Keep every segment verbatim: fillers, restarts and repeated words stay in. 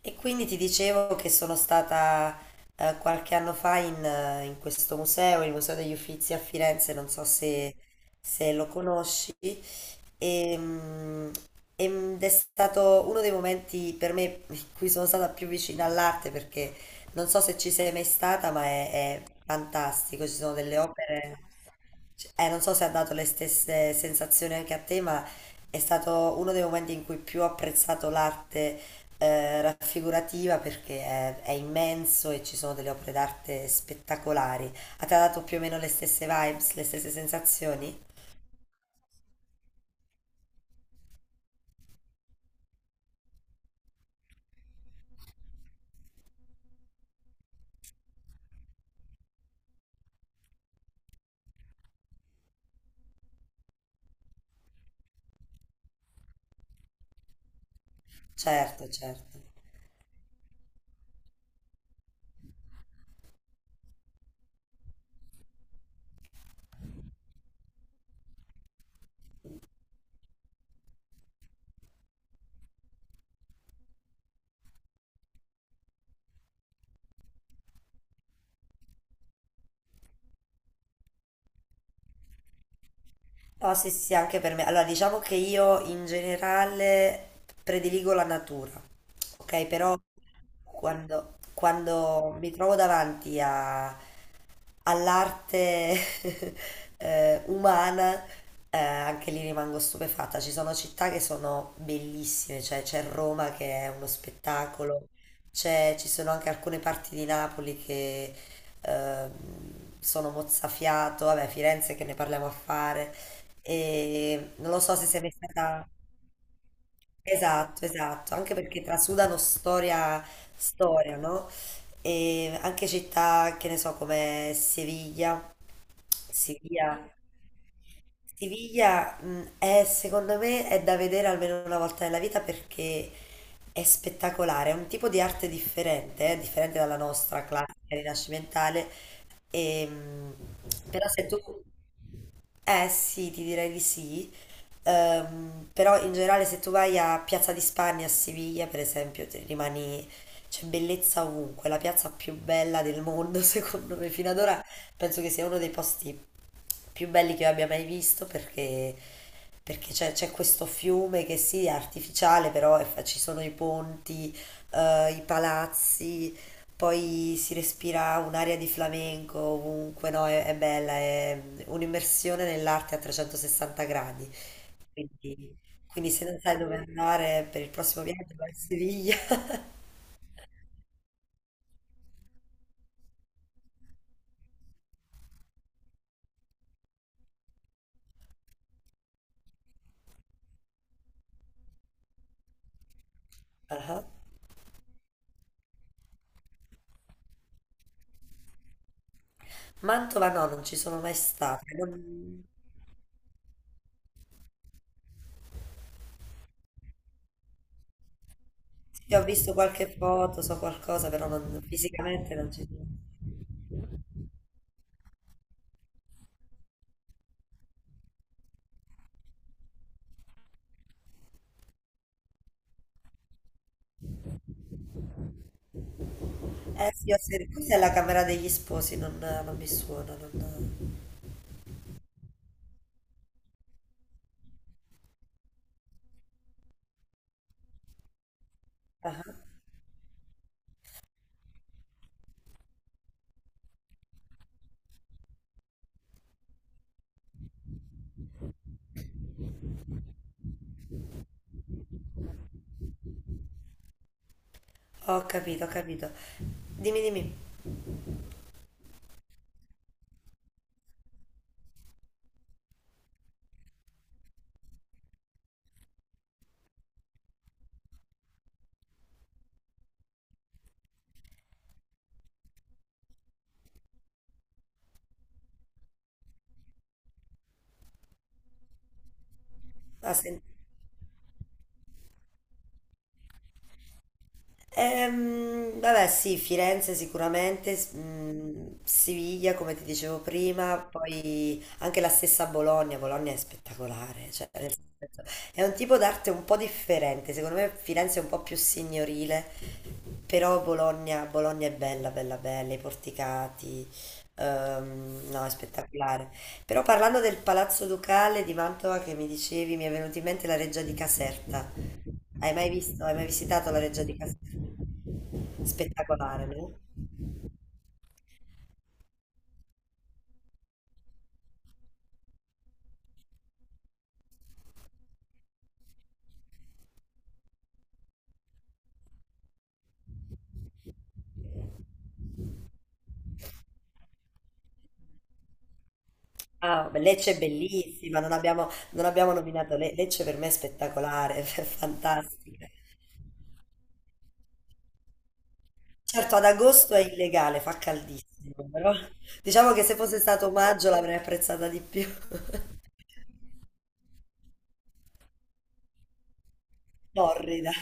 E quindi ti dicevo che sono stata eh, qualche anno fa in, eh, in questo museo, il Museo degli Uffizi a Firenze, non so se, se lo conosci, e, mm, ed è stato uno dei momenti per me in cui sono stata più vicina all'arte, perché non so se ci sei mai stata, ma è, è fantastico, ci sono delle opere, cioè, eh, non so se ha dato le stesse sensazioni anche a te, ma è stato uno dei momenti in cui più ho apprezzato l'arte, ehm, raffigurativa, perché è, è immenso e ci sono delle opere d'arte spettacolari. A te ha dato più o meno le stesse vibes, le stesse sensazioni? Certo, certo. No, sì, sì, sì, anche per me. Allora, diciamo che io in generale prediligo la natura, ok? Però quando, quando mi trovo davanti a- all'arte eh, umana, eh, anche lì rimango stupefatta. Ci sono città che sono bellissime, cioè c'è Roma che è uno spettacolo, c'è- ci sono anche alcune parti di Napoli che ehm, sono mozzafiato, vabbè, Firenze che ne parliamo a fare. E non lo so se sei mai stata... Esatto, esatto, anche perché trasudano storia, storia, no? E anche città, che ne so, come Siviglia. Siviglia. Siviglia, mh, è, secondo me, è da vedere almeno una volta nella vita perché è spettacolare, è un tipo di arte differente, eh, differente dalla nostra classica rinascimentale. E, mh, però se tu... Eh sì, ti direi di sì. Ehm, però in generale, se tu vai a Piazza di Spagna a Siviglia, per esempio, ti rimani, c'è bellezza ovunque, la piazza più bella del mondo, secondo me, fino ad ora penso che sia uno dei posti più belli che io abbia mai visto, perché, perché c'è c'è questo fiume che sì, è artificiale, però è fa- ci sono i ponti, eh, i palazzi, poi si respira un'aria di flamenco ovunque, no? È, è bella, è un'immersione nell'arte a trecentosessanta gradi. Quindi, quindi se non sai dove andare per il prossimo viaggio, vai a Siviglia. Ah. Mantova no, non ci sono mai stata. Non- sì, ho visto qualche foto, so qualcosa, però non- fisicamente non ci sono. Eh sì, ho sen- cos'è la Camera degli Sposi? Non, non mi suona, non... Ah. Ho capito, ho capito. Dimmi, dimmi. Ah, sen- Ehm, vabbè, sì, Firenze sicuramente, s- mh, Siviglia come ti dicevo prima, poi anche la stessa Bologna. Bologna è spettacolare, cioè, nel senso, è un tipo d'arte un po' differente, secondo me Firenze è un po' più signorile, però Bologna, Bologna è bella, bella, bella, i porticati, ehm, no, è spettacolare. Però parlando del Palazzo Ducale di Mantova che mi dicevi, mi è venuta in mente la Reggia di Caserta. Hai mai visto, hai mai visitato la Reggia di Caserta? Spettacolare, no? Ah, beh, Lecce è bellissima, non abbiamo, non abbiamo nominato Le- Lecce per me è spettacolare, è fantastica. Certo, ad agosto è illegale, fa caldissimo, però diciamo che se fosse stato maggio l'avrei apprezzata di più. Torrida.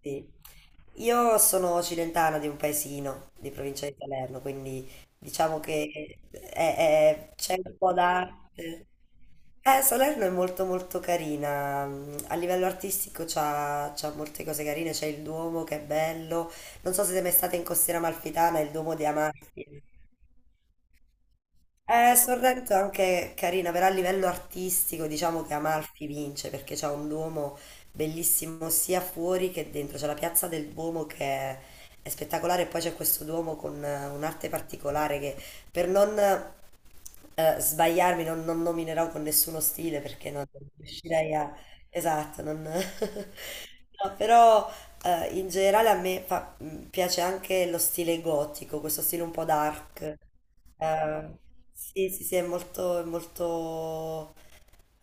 Sì. Io sono occidentana di un paesino di provincia di Salerno, quindi diciamo che è- è- c'è un po' d'arte. Eh, Salerno è molto molto carina, mm, a livello artistico c'ha, c'ha molte cose carine, c'è il Duomo che è bello, non so se siete mai state in Costiera Amalfitana, il Duomo di Amalfi. Eh, Sorrento è anche carina, però a livello artistico diciamo che Amalfi vince perché c'è un Duomo bellissimo sia fuori che dentro, c'è la piazza del Duomo che è è spettacolare, e poi c'è questo Duomo con eh, un'arte particolare che, per non eh, sbagliarmi, non, non nominerò con nessuno stile perché non riuscirei a... Esatto, non... No, però eh, in generale a me fa- mh, piace anche lo stile gotico, questo stile un po' dark. Eh, sì, sì, sì, è molto, è molto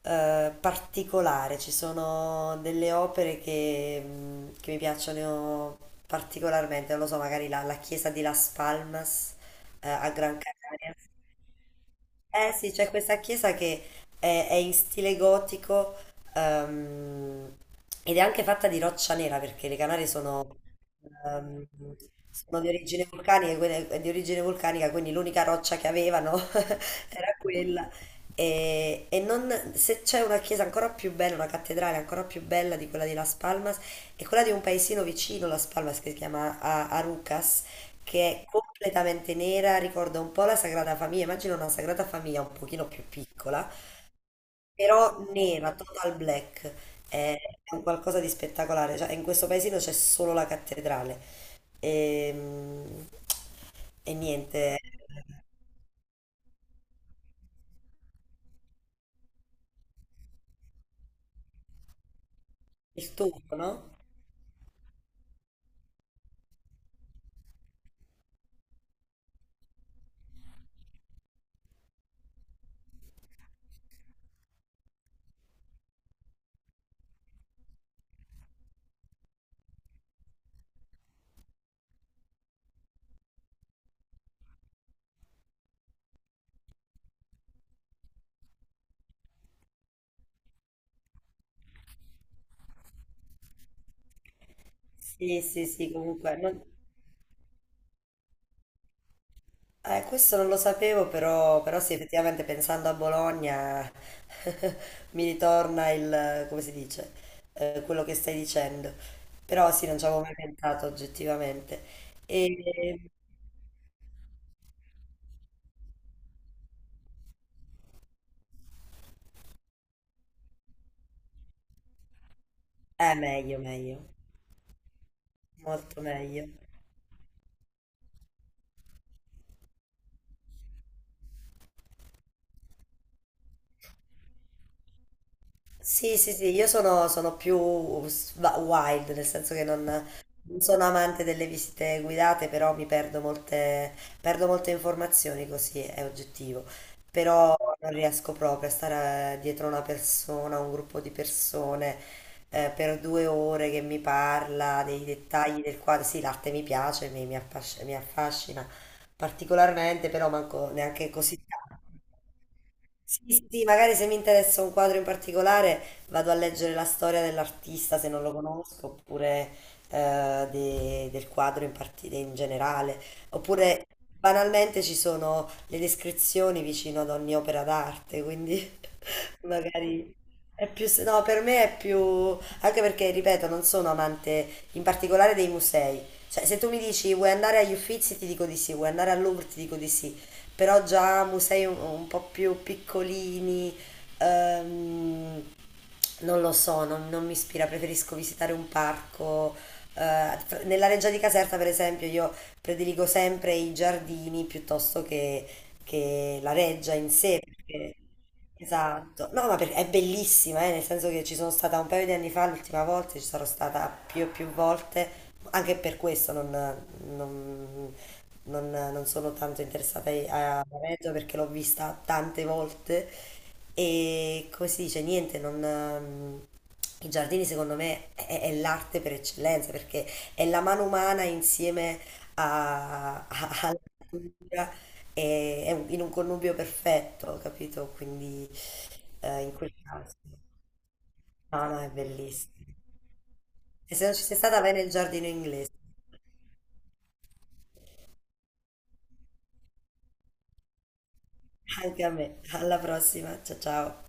eh, particolare. Ci sono delle opere che, mh, che mi piacciono particolarmente, non lo so, magari la, la chiesa di Las Palmas, eh, a Gran Canaria. Eh sì, c'è questa chiesa che è, è in stile gotico. Ehm, Ed è anche fatta di roccia nera perché le Canarie sono, ehm, sono di origine vulcanica, quelle- di origine vulcanica, quindi l'unica roccia che avevano era quella. E, e non- se c'è una chiesa ancora più bella, una cattedrale ancora più bella di quella di Las Palmas, è quella di un paesino vicino Las Palmas che si chiama A- Arucas, che è completamente nera, ricorda un po' la Sagrada Famiglia. Immagino una Sagrada Famiglia un pochino più piccola però nera, total black, è è un qualcosa di spettacolare, cioè in questo paesino c'è solo la cattedrale. Ehm, e, niente, il turco, no? Sì, sì, sì, comunque, non- eh, questo non lo sapevo, però, però sì, effettivamente pensando a Bologna mi ritorna il, come si dice, Eh, quello che stai dicendo, però sì, non ci avevo mai pensato oggettivamente. E, eh, meglio, meglio. Molto meglio. Sì, sì, sì, io sono, sono più s- va- wild, nel senso che non, non sono amante delle visite guidate, però mi perdo molte, perdo molte informazioni, così è oggettivo. Però non riesco proprio a stare dietro una persona, un gruppo di persone, eh, per due ore che mi parla dei dettagli del quadro. Sì, l'arte mi piace, mi, mi affasc- mi affascina particolarmente, però manco neanche così tanto. Sì, sì, sì, magari se mi interessa un quadro in particolare vado a leggere la storia dell'artista se non lo conosco, oppure eh, de- del quadro in, parti- in generale, oppure banalmente ci sono le descrizioni vicino ad ogni opera d'arte, quindi magari è più... s- No, per me è più... anche perché, ripeto, non sono amante in particolare dei musei. Cioè, se tu mi dici vuoi andare agli Uffizi, ti dico di sì, vuoi andare al Louvre, ti dico di sì, però già musei un, un po' più piccolini, ehm, non lo so, non, non mi ispira, preferisco visitare un parco. Eh, fra- nella Reggia di Caserta, per esempio, io prediligo sempre i giardini piuttosto che che la reggia in sé. Perché... Esatto, no, ma perché è bellissima, eh, nel senso che ci sono stata un paio di anni fa, l'ultima volta, ci sarò stata più e più volte, anche per questo non, non- non- non sono tanto interessata ai- alla Reggio perché l'ho vista tante volte e, come si dice, niente, non, i giardini secondo me è, è l'arte per eccellenza perché è la mano umana insieme a- a- alla natura e è un- in un connubio perfetto, capito? Quindi eh, in quel caso. No, no, è bellissimo. E se non ci sei stata, vai nel giardino inglese. Anche a me. Alla prossima. Ciao ciao.